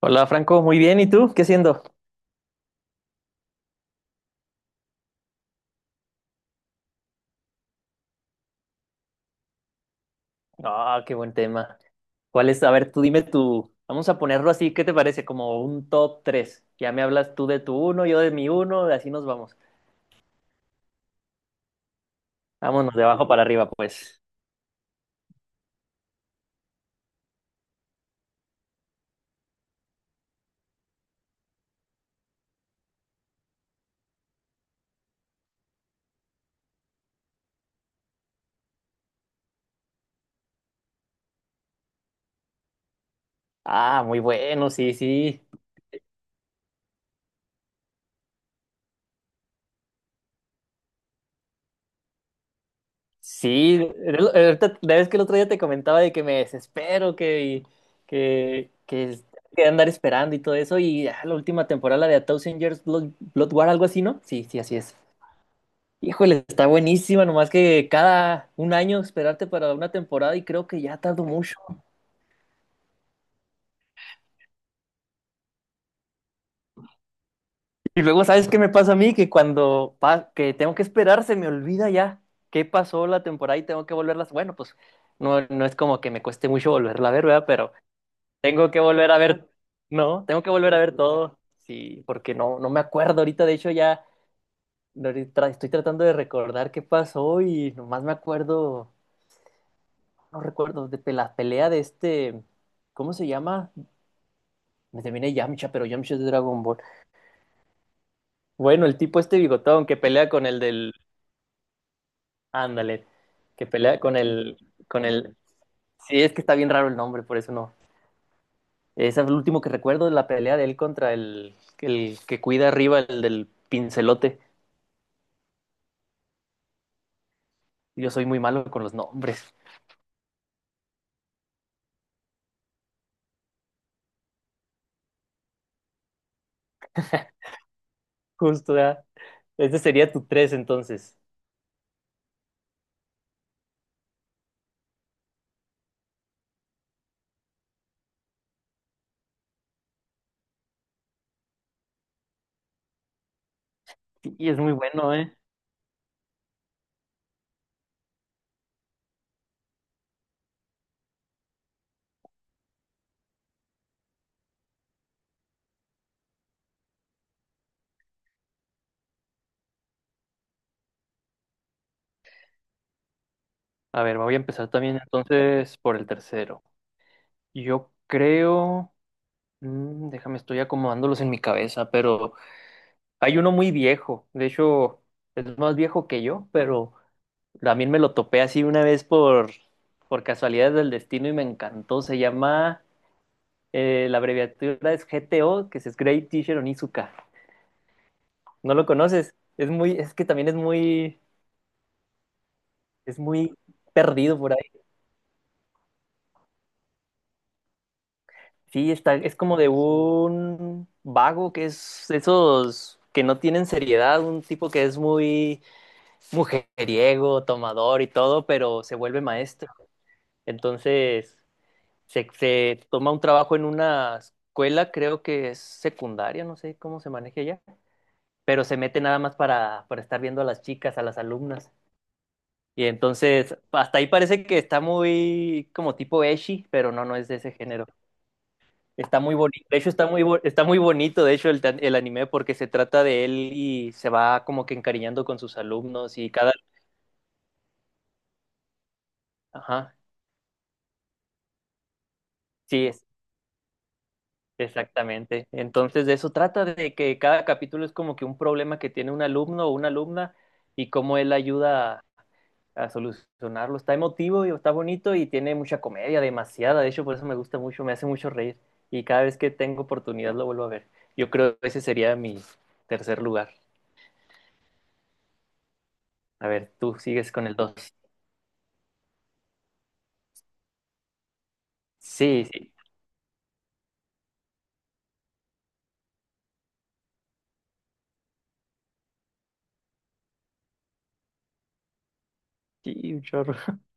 Hola Franco, muy bien. ¿Y tú? ¿Qué haciendo? Ah, qué buen tema. ¿Cuál es? A ver, tú dime tú. Vamos a ponerlo así, ¿qué te parece? ¿Como un top 3? Ya me hablas tú de tu uno, yo de mi uno, y así nos vamos. Vámonos de abajo para arriba, pues. Ah, muy bueno, sí, sí. Sí, ahorita, la vez que el otro día te comentaba de que me desespero, que, que, que andar esperando y todo eso, y la última temporada, la de A Thousand Years Blood, Blood War, algo así, ¿no? Sí, sí, así es. Híjole, está buenísima, nomás que cada un año esperarte para una temporada y creo que ya tardo mucho. Y luego, ¿sabes qué me pasa a mí? Que cuando que tengo que esperar se me olvida ya qué pasó la temporada y tengo que volverlas. Bueno, pues no, no es como que me cueste mucho volverla a ver, ¿verdad? Pero tengo que volver a ver, no, tengo que volver a ver todo. Sí, porque no, no me acuerdo ahorita, de hecho ahorita estoy tratando de recordar qué pasó y nomás me acuerdo, no recuerdo, la pelea de este, ¿cómo se llama? Me terminé Yamcha, pero Yamcha es de Dragon Ball. Bueno, el tipo este bigotón que pelea con el del. Ándale. Que pelea con el. Sí, es que está bien raro el nombre, por eso no. Es el último que recuerdo la pelea de él contra el que cuida arriba, el del pincelote. Yo soy muy malo con los nombres. Justo, ya. Este sería tu tres entonces. Y es muy bueno, ¿eh? A ver, voy a empezar también entonces por el tercero. Yo creo. Déjame, estoy acomodándolos en mi cabeza, pero hay uno muy viejo, de hecho es más viejo que yo, pero también me lo topé así una vez por casualidades del destino y me encantó. Se llama, la abreviatura es GTO, que es Great Teacher Onizuka. ¿No lo conoces? Es muy, es que también es muy perdido por ahí. Sí, está, es como de un vago que es esos que no tienen seriedad, un tipo que es muy mujeriego, tomador y todo, pero se vuelve maestro. Entonces, se toma un trabajo en una escuela, creo que es secundaria, no sé cómo se maneja ya, pero se mete nada más para estar viendo a las chicas, a las alumnas. Y entonces, hasta ahí parece que está muy como tipo ecchi, pero no, no es de ese género. Está muy bonito, de hecho está está muy bonito, de hecho, el anime porque se trata de él y se va como que encariñando con sus alumnos y cada... Ajá, sí, exactamente. Entonces, de eso trata, de que cada capítulo es como que un problema que tiene un alumno o una alumna y cómo él ayuda a solucionarlo. Está emotivo y está bonito y tiene mucha comedia, demasiada. De hecho, por eso me gusta mucho, me hace mucho reír. Y cada vez que tengo oportunidad lo vuelvo a ver. Yo creo que ese sería mi tercer lugar. A ver, tú sigues con el dos. Sí, sí. Sí, un chorro.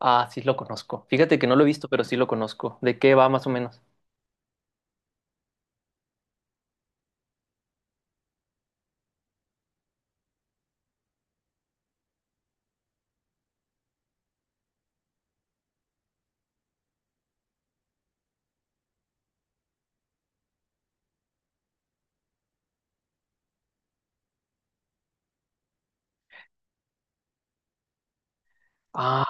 Ah, sí lo conozco. Fíjate que no lo he visto, pero sí lo conozco. ¿De qué va más o menos? Ah,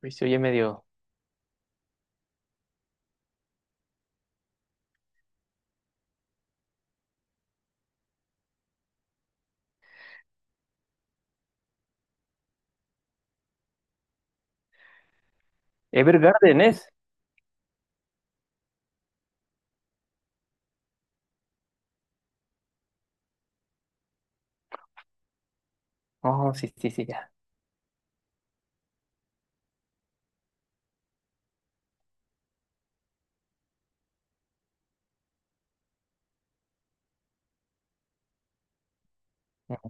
pues se oye medio. Evergarden, ¿es? Oh, sí, sí, sí, ya. Ujú.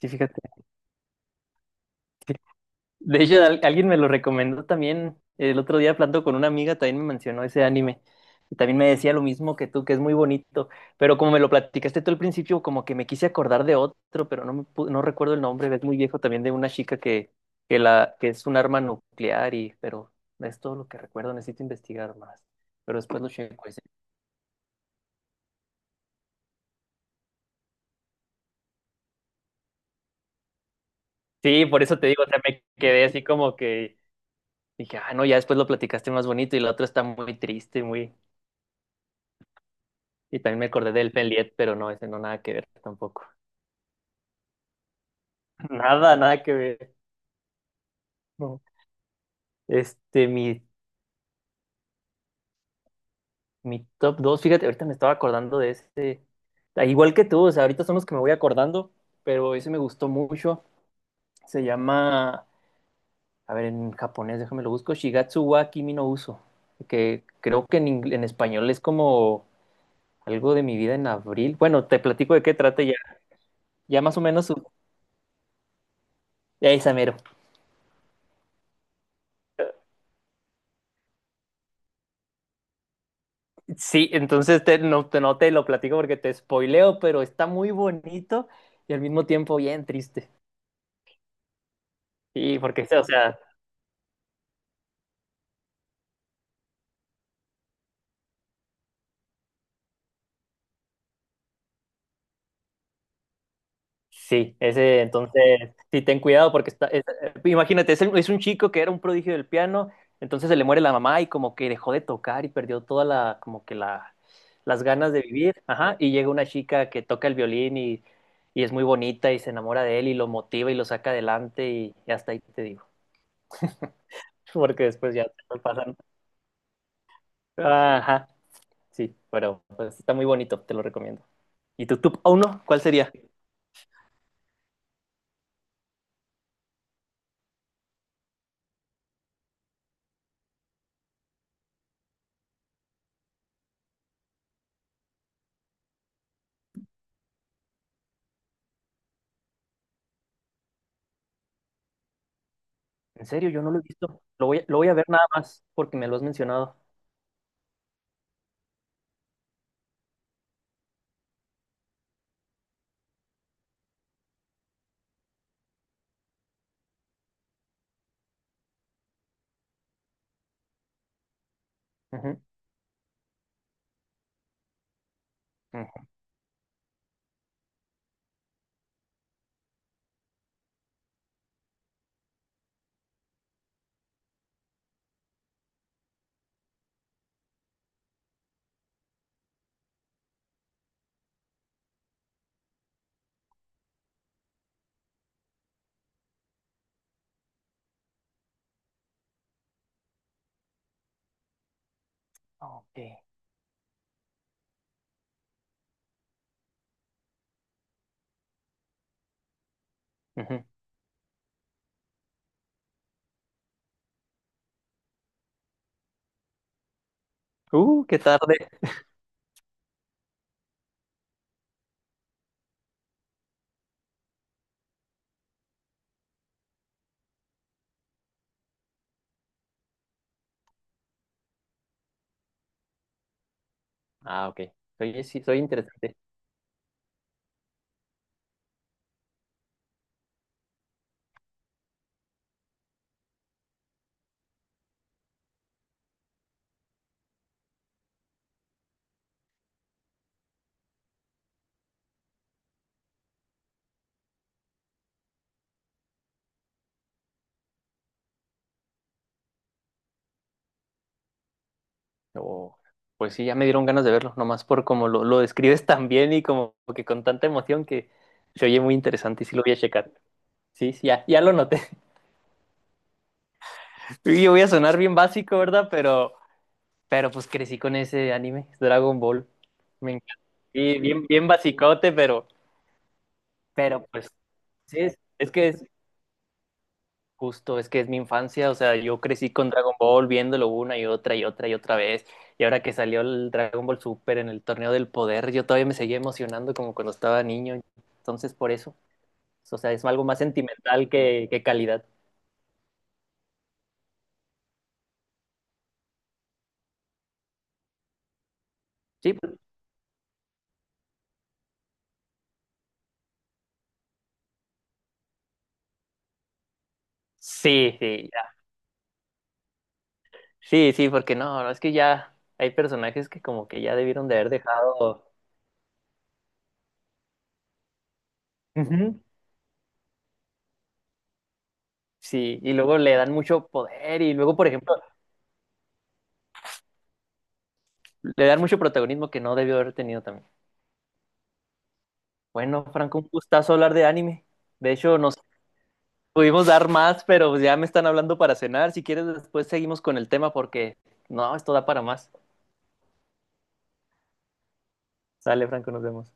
Sí, fíjate. Sí. De hecho, alguien me lo recomendó también. El otro día hablando con una amiga, también me mencionó ese anime. Y también me decía lo mismo que tú, que es muy bonito. Pero como me lo platicaste tú al principio, como que me quise acordar de otro, pero no, no recuerdo el nombre. Es muy viejo también de una chica que es un arma nuclear y, pero es todo lo que recuerdo. Necesito investigar más. Pero después lo checo ese. Sí, por eso te digo, o sea, me quedé así como que dije, ah, no, ya después lo platicaste más bonito y la otra está muy triste, muy... Y también me acordé del Fenliet, pero no, ese no nada que ver tampoco. Nada, nada que ver. No. Este, mi, Mi top dos, fíjate, ahorita me estaba acordando de este... Ah, igual que tú, o sea, ahorita son los que me voy acordando, pero ese me gustó mucho. Se llama, a ver, en japonés, déjame lo busco, Shigatsu wa Kimi no Uso, que creo que en, en español es como algo de mi vida en abril. Bueno, te platico de qué trata ya, ya más o menos, esa mero. Sí, entonces no te lo platico porque te spoileo, pero está muy bonito y al mismo tiempo bien triste. Sí, porque, o sea, sí, ese, entonces, sí, ten cuidado porque está, imagínate, es un chico que era un prodigio del piano, entonces se le muere la mamá y como que dejó de tocar y perdió toda la, como que la, las ganas de vivir, ajá, y llega una chica que toca el violín y es muy bonita y se enamora de él y lo motiva y lo saca adelante y hasta ahí te digo, porque después ya te pasan. Ajá. Sí, pero pues, está muy bonito, te lo recomiendo. ¿Y tu top uno, cuál sería? En serio, yo no lo he visto. Lo voy a ver nada más porque me lo has mencionado. Ujú, ujú. Ok. Ujú. Qué tarde. Ah, ok. Oye, sí, soy interesante. Oh, pues sí, ya me dieron ganas de verlo, nomás por como lo describes tan bien y como que con tanta emoción que se oye muy interesante y sí lo voy a checar. Sí, sí, ya, ya lo noté. Y yo voy a sonar bien básico, ¿verdad? Pero pues crecí con ese anime, Dragon Ball. Me encanta. Y bien, bien basicote, pero pues sí, es que es justo, es que es mi infancia. O sea, yo crecí con Dragon Ball viéndolo una y otra y otra y otra vez. Y ahora que salió el Dragon Ball Super en el Torneo del Poder, yo todavía me seguía emocionando como cuando estaba niño. Entonces, por eso, o sea, es algo más sentimental que calidad. Sí, pues, sí, sí, ya. Sí, sí, porque no, no, es que ya hay personajes que como que ya debieron de haber dejado. Ujú. Sí, y luego le dan mucho poder y luego, por ejemplo, le dan mucho protagonismo que no debió haber tenido también. Bueno, Franco, un gustazo hablar de anime. De hecho, nos pudimos dar más, pero pues ya me están hablando para cenar. Si quieres, después seguimos con el tema porque no, esto da para más. Sale, Franco, nos vemos.